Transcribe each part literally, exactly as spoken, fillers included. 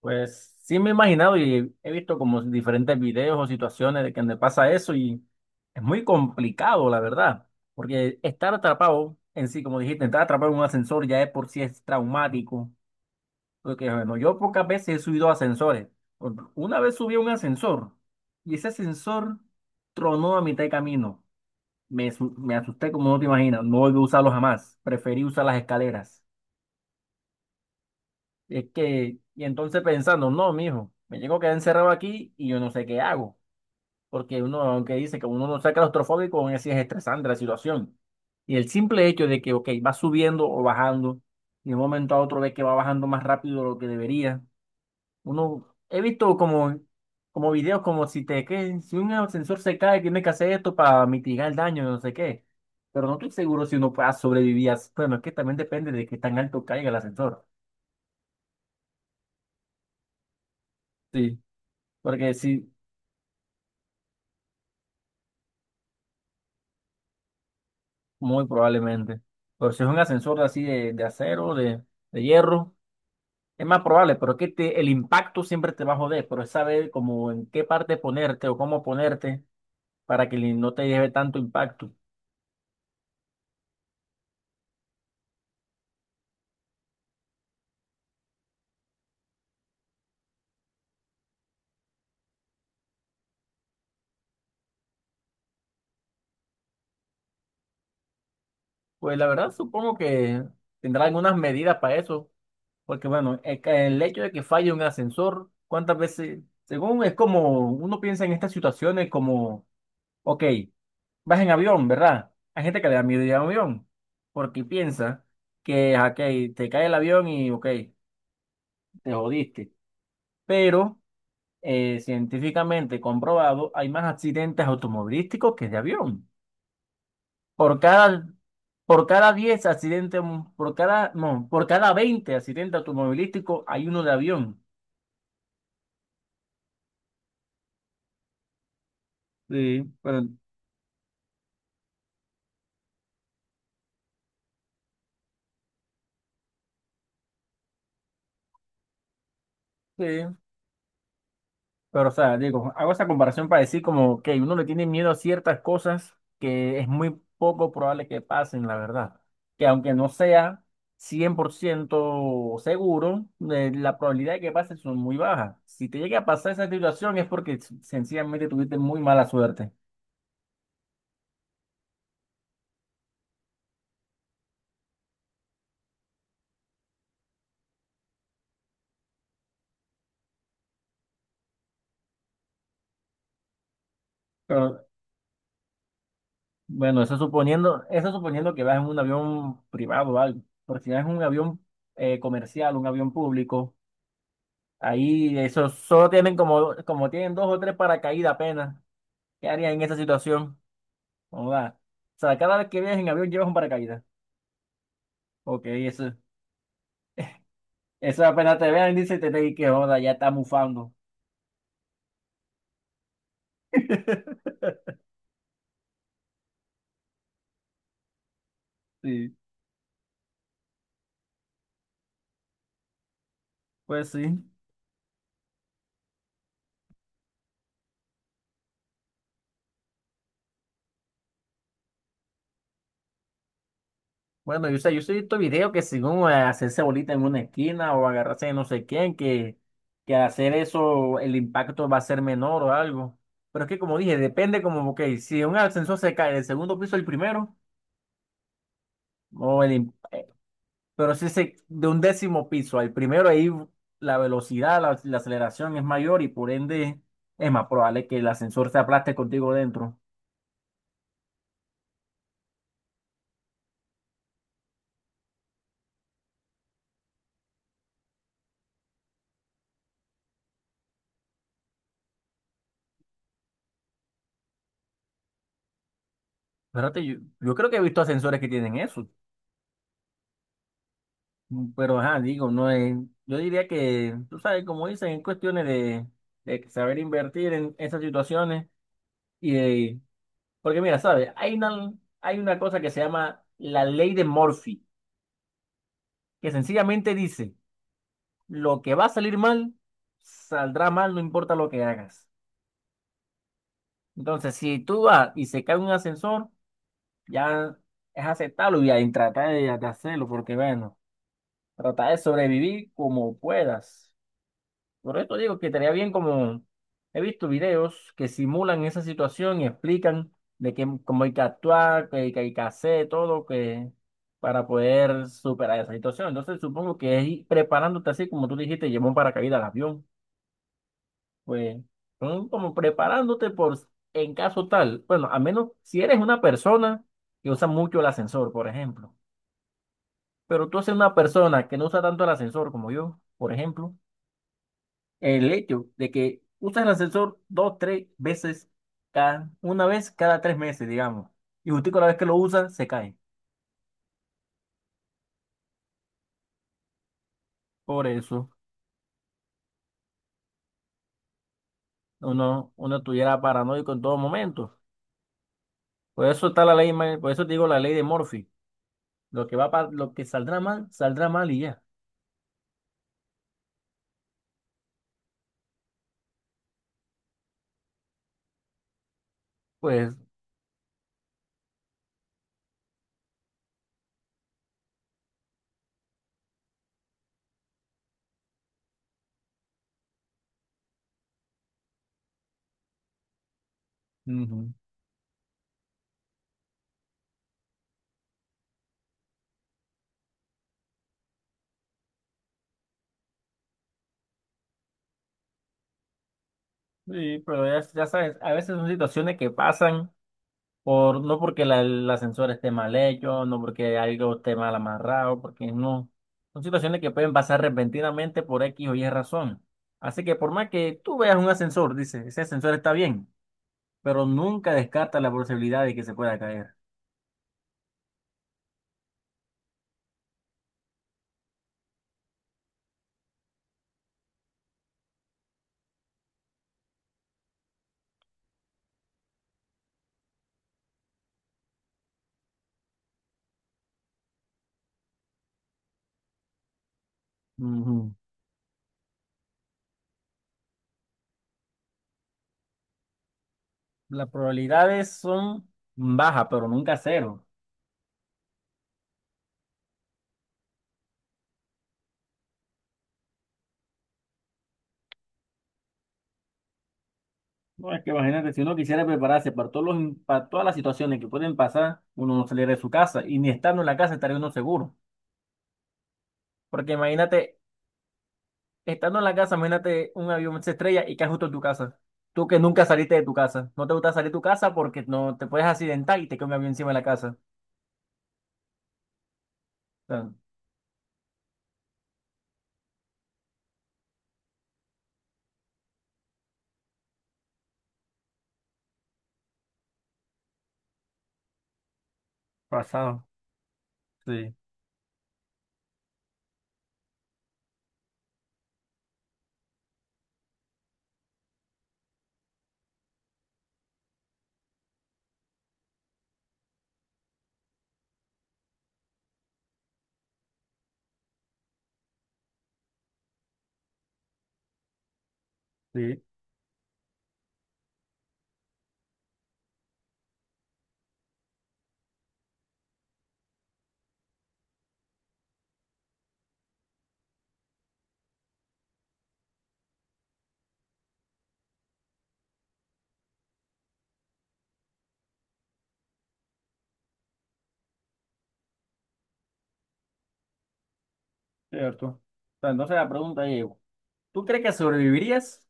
Pues sí me he imaginado y he visto como diferentes videos o situaciones de que me pasa eso y es muy complicado, la verdad, porque estar atrapado en sí, como dijiste, estar atrapado en un ascensor ya es por sí es traumático, porque bueno, yo pocas veces he subido a ascensores. Por- Una vez subí a un ascensor y ese ascensor tronó a mitad de camino. Me, asu- me asusté como no te imaginas, no volví a usarlo jamás, preferí usar las escaleras. Y es que, y entonces pensando, no, mijo, me llego a quedar encerrado aquí y yo no sé qué hago. Porque uno, aunque dice que uno no sea claustrofóbico, aún así es estresante la situación. Y el simple hecho de que, ok, va subiendo o bajando, y de un momento a otro ve que va bajando más rápido de lo que debería. Uno, he visto como, como videos como si te, que, si un ascensor se cae, tienes que hacer esto para mitigar el daño, no sé qué. Pero no estoy seguro si uno pueda sobrevivir. a- Bueno, es que también depende de qué tan alto caiga el ascensor. Sí. Porque si, muy probablemente. Pero si es un ascensor así de, de acero, de, de hierro, es más probable, pero es que te- el impacto siempre te va a joder, pero es saber como en qué parte ponerte o cómo ponerte para que li- no te lleve tanto impacto. Pues la verdad supongo que tendrá algunas medidas para eso, porque bueno, el, ca- el hecho de que falle un ascensor, ¿cuántas veces? Según es como uno piensa en estas situaciones como, ok. Vas en avión, ¿verdad? Hay gente que le da miedo ir en avión porque piensa que, ok, te cae el avión y, ok, te jodiste. Pero eh, científicamente comprobado, hay más accidentes automovilísticos que de avión. Por cada, por cada diez accidentes, mm, por cada, no, por cada veinte accidentes automovilísticos hay uno de avión. Sí, pero, sí. Pero, o sea, digo, hago esa comparación para decir como que uno le tiene miedo a ciertas cosas que es muy poco probable que pasen, la verdad. Que aunque no sea cien por ciento seguro, eh, la probabilidad de que pase son muy bajas. Si te llega a pasar esa situación es porque s- sencillamente tuviste muy mala suerte. Pero, bueno, eso suponiendo, eso suponiendo que vas en un avión privado o algo. Porque si vas en un avión eh, comercial, un avión público, ahí, esos solo tienen como, como tienen dos o tres paracaídas apenas. ¿Qué harías en esa situación? ¿Cómo va? O sea, cada vez que viajes en avión llevas un paracaídas. Ok, eso, eso apenas te vean, dice, te te- que joda, ya está mufando. Sí, pues sí. Bueno, yo sé, yo soy estos videos que según eh, hacerse bolita en una esquina o agarrarse de no sé quién, que, que hacer eso el impacto va a ser menor o algo. Pero es que como dije, depende como, ok, si un ascensor se cae del segundo piso al primero, o el, im- pero si se, de un décimo piso al primero, ahí la velocidad, la, la aceleración es mayor y por ende es más probable que el ascensor se aplaste contigo dentro. Espérate, yo, yo creo que he visto ascensores que tienen eso, pero ajá, digo, no es, yo diría que, tú sabes, como dicen, en cuestiones de, de, saber invertir en esas situaciones y de, porque mira, sabes, hay una, hay una cosa que se llama la ley de Murphy, que sencillamente dice, lo que va a salir mal, saldrá mal, no importa lo que hagas. Entonces, si tú vas y se cae un ascensor, ya es aceptarlo y ahí trata de, de hacerlo, porque bueno, tratar de sobrevivir como puedas. Por esto digo que estaría bien como he visto videos que simulan esa situación y explican de qué, cómo hay que actuar, qué, qué hay que hacer, todo que para poder superar esa situación. Entonces, supongo que es ir preparándote así como tú dijiste, llevó un paracaídas al avión. Pues son como preparándote por s- en caso tal. Bueno, a menos si eres una persona que usa mucho el ascensor, por ejemplo. Pero tú eres una persona que no usa tanto el ascensor como yo, por ejemplo. El hecho de que usas el ascensor dos, tres veces cada, una vez cada tres meses, digamos. Y justo con la vez que lo usas, se cae. Por eso uno, uno estuviera paranoico en todo momento. Por eso está la ley, ma- por eso te digo la ley de Murphy. Lo que va pa- lo que saldrá mal, saldrá mal y ya. Pues, ujú. Sí, pero ya, ya sabes, a veces son situaciones que pasan por, no porque la- el ascensor esté mal hecho, no porque algo esté mal amarrado, porque no. Son situaciones que pueden pasar repentinamente por X o Y razón. Así que por más que tú veas un ascensor, dices, ese ascensor está bien, pero nunca descarta la posibilidad de que se pueda caer. Ujú. Las probabilidades son bajas, pero nunca cero. No, es que imagínate, si uno quisiera prepararse para todos los, in- para todas las situaciones que pueden pasar, uno no saliera de su casa y ni estando en la casa estaría uno seguro. Porque imagínate, estando en la casa, imagínate un avión se estrella y cae justo en tu casa. Tú que nunca saliste de tu casa. No te gusta salir de tu casa porque no te puedes accidentar y te cae un avión encima de la casa. O sea, pasado. Sí, sí, cierto. O sea, entonces la pregunta es, ¿tú crees que sobrevivirías?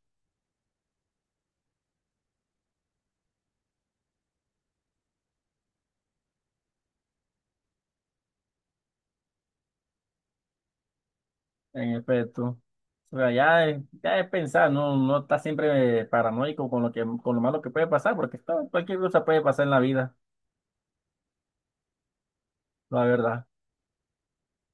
En efecto. O sea, ya es, ya es pensar, no, no está siempre paranoico con lo que, con lo malo que puede pasar, porque todo, cualquier cosa puede pasar en la vida, la verdad.